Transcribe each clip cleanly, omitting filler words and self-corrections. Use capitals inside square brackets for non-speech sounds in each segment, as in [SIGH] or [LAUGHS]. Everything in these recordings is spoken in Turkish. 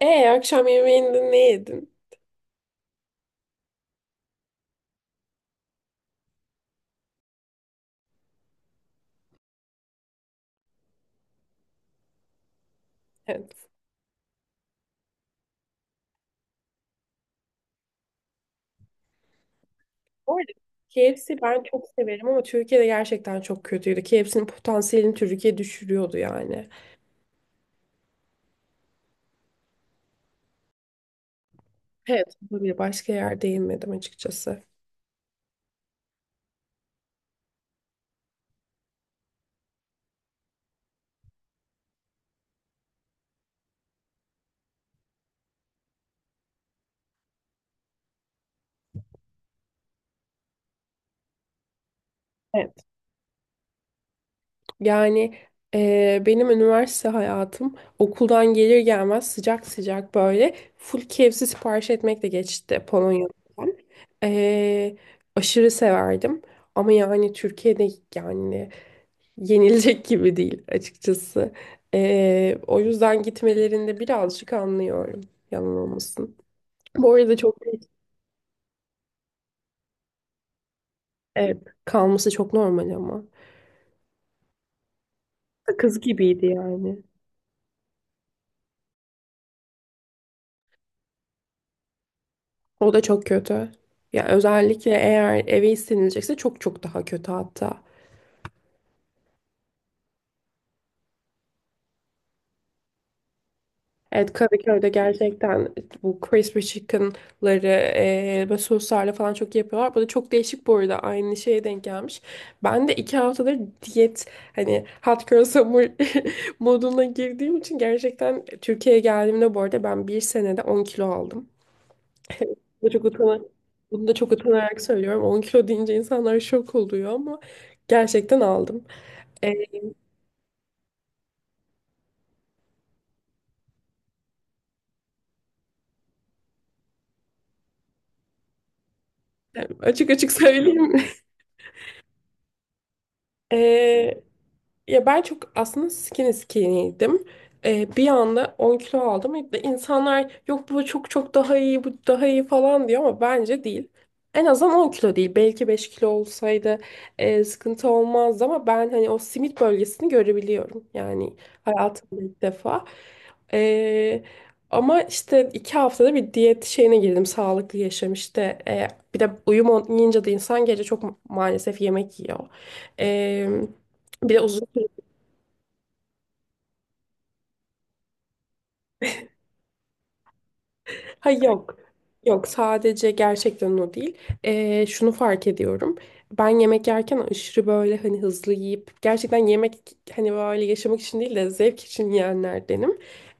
E akşam yemeğinde ne yedin? Evet. Bu arada KFC ben çok severim ama Türkiye'de gerçekten çok kötüydü. KFC'nin potansiyelini Türkiye düşürüyordu yani. Evet. Bir başka yerde yemedim açıkçası. Evet. Yani benim üniversite hayatım okuldan gelir gelmez sıcak sıcak böyle full KFC sipariş etmekle geçti Polonya'dan. E, aşırı severdim. Ama yani Türkiye'de yani yenilecek [LAUGHS] gibi değil açıkçası. O yüzden gitmelerinde birazcık anlıyorum. Yalan olmasın. Bu arada çok evet, kalması çok normal ama. Sakız gibiydi yani. O da çok kötü. Ya özellikle eğer eve istenilecekse çok çok daha kötü hatta. Evet, Kadıköy'de gerçekten bu crispy chicken'ları böyle soslarla falan çok iyi yapıyorlar. Bu da çok değişik bu arada aynı şeye denk gelmiş. Ben de 2 haftadır diyet, hani hot girl summer, [LAUGHS] moduna girdiğim için gerçekten Türkiye'ye geldiğimde bu arada ben 1 senede 10 kilo aldım. [LAUGHS] Bu çok utana- Bunu da çok utanarak söylüyorum. 10 kilo deyince insanlar şok oluyor ama gerçekten aldım. Eee, Açık açık söyleyeyim. [LAUGHS] E, Ya ben çok aslında skinny skinny'ydim. Bir anda 10 kilo aldım. İşte İnsanlar "yok, bu çok çok daha iyi, bu daha iyi" falan diyor ama bence değil. En azından 10 kilo değil. Belki 5 kilo olsaydı sıkıntı olmazdı ama ben hani o simit bölgesini görebiliyorum. Yani hayatımda ilk defa. Ee, Ama işte 2 haftada bir diyet şeyine girdim. Sağlıklı yaşam işte. Bir de uyum olmayınca da insan gece çok maalesef yemek yiyor. Ee, Bir de uzun, ha yok. Yok, sadece gerçekten o değil. Şunu fark ediyorum. Ben yemek yerken aşırı böyle hani hızlı yiyip gerçekten yemek, hani böyle yaşamak için değil de zevk için yiyenlerdenim.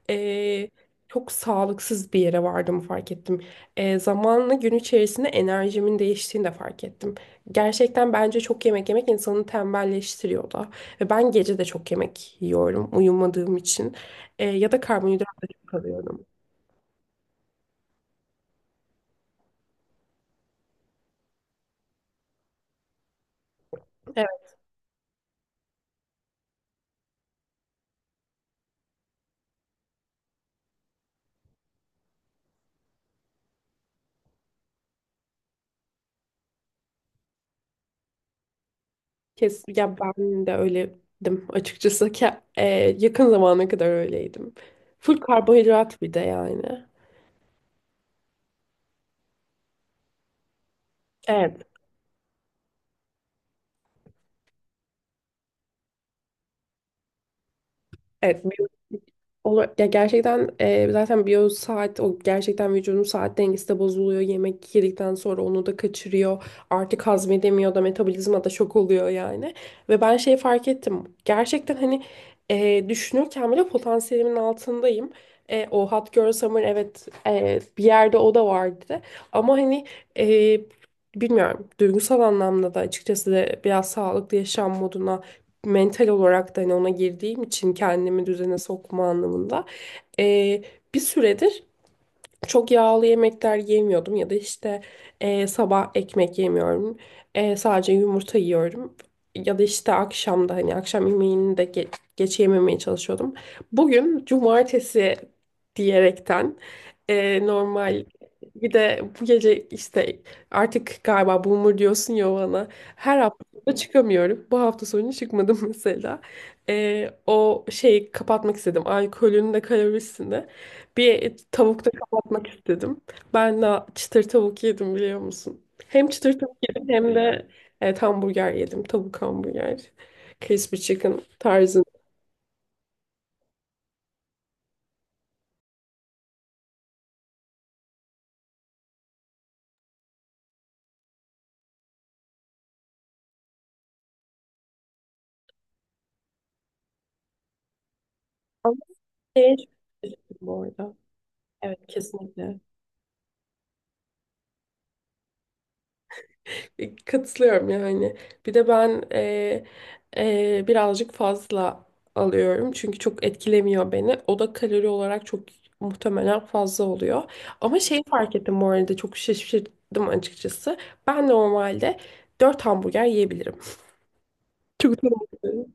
Ee, Çok sağlıksız bir yere vardığımı fark ettim. Zamanla gün içerisinde enerjimin değiştiğini de fark ettim. Gerçekten bence çok yemek yemek insanı tembelleştiriyor da. Ve ben gece de çok yemek yiyorum uyumadığım için. Ya da karbonhidrat da çok alıyorum. Kes, ya ben de öyledim açıkçası ki e, yakın zamana kadar öyleydim. Full karbonhidrat bir de yani. Evet, evet. Olur. Ya gerçekten zaten biyo saat, o gerçekten vücudun saat dengesi de bozuluyor. Yemek yedikten sonra onu da kaçırıyor. Artık hazmedemiyor da, metabolizma da şok oluyor yani. Ve ben şeyi fark ettim. Gerçekten hani düşünürken bile potansiyelimin altındayım. E, o Hot Girl Summer, evet, bir yerde o da vardı. Ama hani e, bilmiyorum, duygusal anlamda da açıkçası de biraz sağlıklı yaşam moduna, mental olarak da hani ona girdiğim için kendimi düzene sokma anlamında, e, bir süredir çok yağlı yemekler yemiyordum ya da işte sabah ekmek yemiyorum. E, sadece yumurta yiyorum. Ya da işte akşamda hani akşam yemeğini de geç yememeye çalışıyordum. Bugün cumartesi diyerekten normal, bir de bu gece işte, artık galiba boomer diyorsun ya bana. Her hafta da çıkamıyorum. Bu hafta sonu çıkmadım [LAUGHS] mesela. O şeyi kapatmak istedim. Alkolün de kalorisini. Bir tavukta kapatmak istedim. Ben de çıtır tavuk yedim biliyor musun? Hem çıtır tavuk yedim hem de evet, hamburger yedim. Tavuk hamburger. Crispy chicken tarzında. Ama değişik bu arada. Evet, kesinlikle. Katılıyorum yani. Bir de ben birazcık fazla alıyorum. Çünkü çok etkilemiyor beni. O da kalori olarak çok muhtemelen fazla oluyor. Ama şeyi fark ettim bu arada, çok şaşırdım açıkçası. Ben normalde 4 hamburger yiyebilirim. Çok utanıyorum.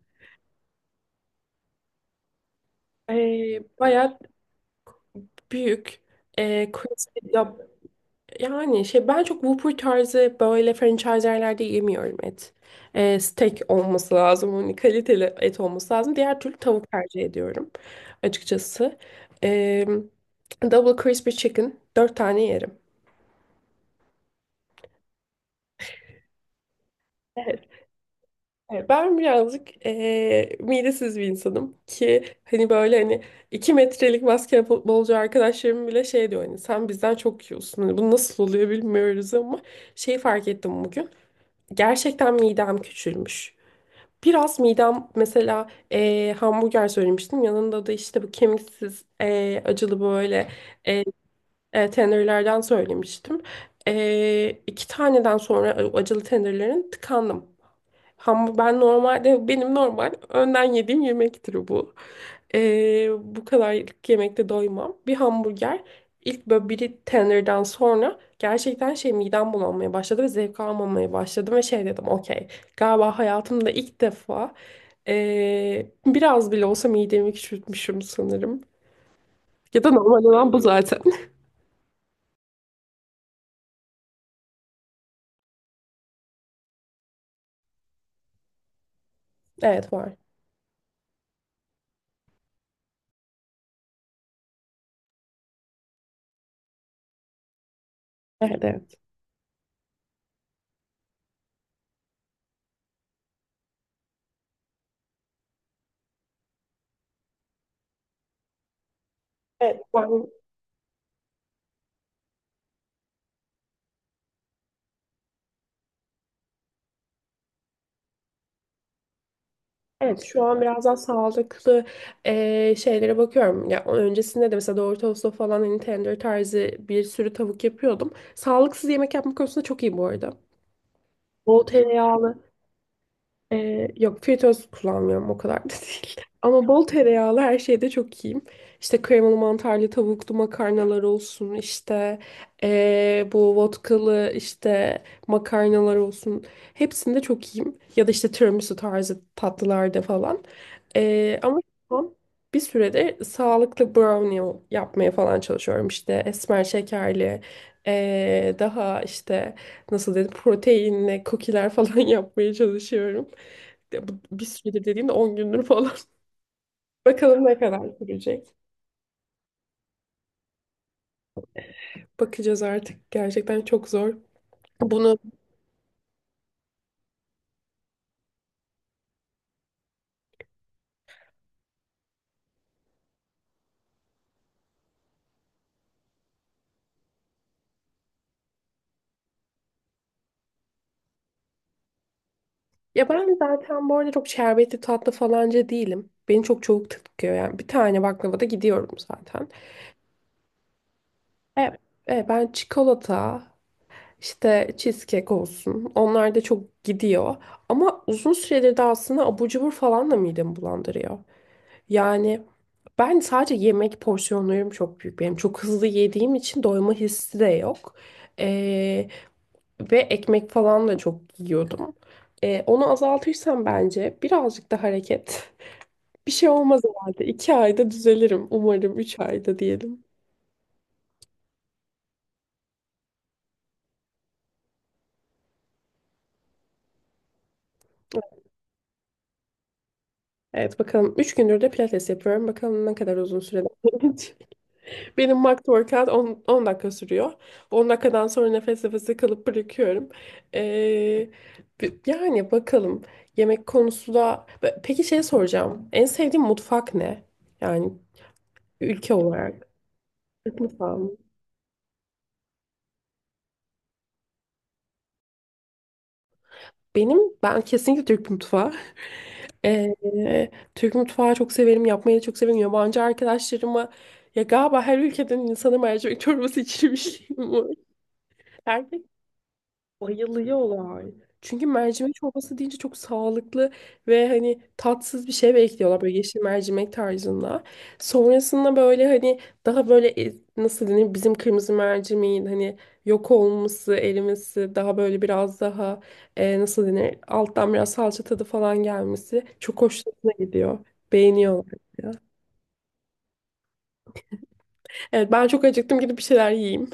E, Bayağı büyük. E, Yani şey, ben çok Whopper tarzı böyle franchise yerlerde yemiyorum et. Steak olması lazım. Hani kaliteli et olması lazım. Diğer türlü tavuk tercih ediyorum açıkçası. Ee, Double Crispy Chicken 4 tane yerim. Evet. Evet, ben birazcık midesiz bir insanım ki hani böyle hani 2 metrelik basketbolcu arkadaşlarım bile şey diyor, hani sen bizden çok yiyorsun. Hani bu nasıl oluyor bilmiyoruz, ama şeyi fark ettim bugün. Gerçekten midem küçülmüş. Biraz midem, mesela hamburger söylemiştim. Yanında da işte bu kemiksiz, acılı böyle eee tenderlerden söylemiştim. 2 taneden sonra acılı tenderlerin tıkandım. Ham ben normalde, benim normal önden yediğim yemektir bu. Bu kadarlık yemekte doymam. Bir hamburger, ilk böyle biri tenderden sonra gerçekten şey, midem bulanmaya başladı ve zevk almamaya başladım ve şey dedim, okey, galiba hayatımda ilk defa biraz bile olsa midemi küçültmüşüm sanırım. Ya da normal olan bu zaten. [LAUGHS] Evet, var. Evet, evet. Evet. Var. Evet, şu an biraz daha sağlıklı şeylere bakıyorum. Ya öncesinde de mesela doğru tostu falan hani tender tarzı bir sürü tavuk yapıyordum. Sağlıksız yemek yapma konusunda çok iyi bu arada. Bol tereyağlı, yok, fritöz kullanmıyorum, o kadar da değil. [LAUGHS] Ama bol tereyağlı her şeyde çok iyiyim. İşte kremalı mantarlı tavuklu makarnalar olsun, işte bu vodkalı işte makarnalar olsun. Hepsinde çok iyiyim. Ya da işte tiramisu tarzı tatlılarda falan. Ama şu an bir süredir sağlıklı brownie yapmaya falan çalışıyorum. İşte esmer şekerli, daha işte, nasıl dedim, proteinli kukiler falan [LAUGHS] yapmaya çalışıyorum. Ya bu, bir süredir dediğimde 10 gündür falan. [LAUGHS] Bakalım ne kadar sürecek. Bakacağız artık. Gerçekten çok zor. Bunu, ya ben zaten bu arada çok şerbetli tatlı falanca değilim. Beni çok çabuk tıkıyor yani. Bir tane baklavada gidiyorum zaten. Evet, evet, ben çikolata, işte cheesecake olsun. Onlar da çok gidiyor. Ama uzun süredir de aslında abur cubur falan da midemi bulandırıyor. Yani ben sadece, yemek porsiyonlarım çok büyük benim. Çok hızlı yediğim için doyma hissi de yok. Ee, Ve ekmek falan da çok yiyordum. Onu azaltırsam, bence birazcık da hareket. [LAUGHS] Bir şey olmaz herhalde. 2 ayda düzelirim. Umarım 3 ayda diyelim. Evet, bakalım. 3 gündür de pilates yapıyorum. Bakalım ne kadar uzun sürede. [LAUGHS] Benim mock workout 10 dakika sürüyor. 10 dakikadan sonra nefes nefese kalıp bırakıyorum. Ee, yani bakalım, yemek konusu da... Peki, şey soracağım. En sevdiğin mutfak ne? Yani ülke olarak. Türk mutfağı mı? Benim, ben kesinlikle Türk mutfağı. Ee, Türk mutfağı çok severim, yapmayı da çok severim. Yabancı arkadaşlarıma, ya galiba her ülkeden insanım mercimek çorbası içirmişim. [LAUGHS] Bayılıyorlar. Çünkü mercimek çorbası deyince çok sağlıklı ve hani tatsız bir şey bekliyorlar, böyle yeşil mercimek tarzında. Sonrasında böyle hani daha böyle, nasıl denir, bizim kırmızı mercimeğin hani yok olması, erimesi, daha böyle biraz daha, nasıl denir, alttan biraz salça tadı falan gelmesi çok hoşlarına gidiyor. Beğeniyorlar. Evet, ben çok acıktım, gidip bir şeyler yiyeyim.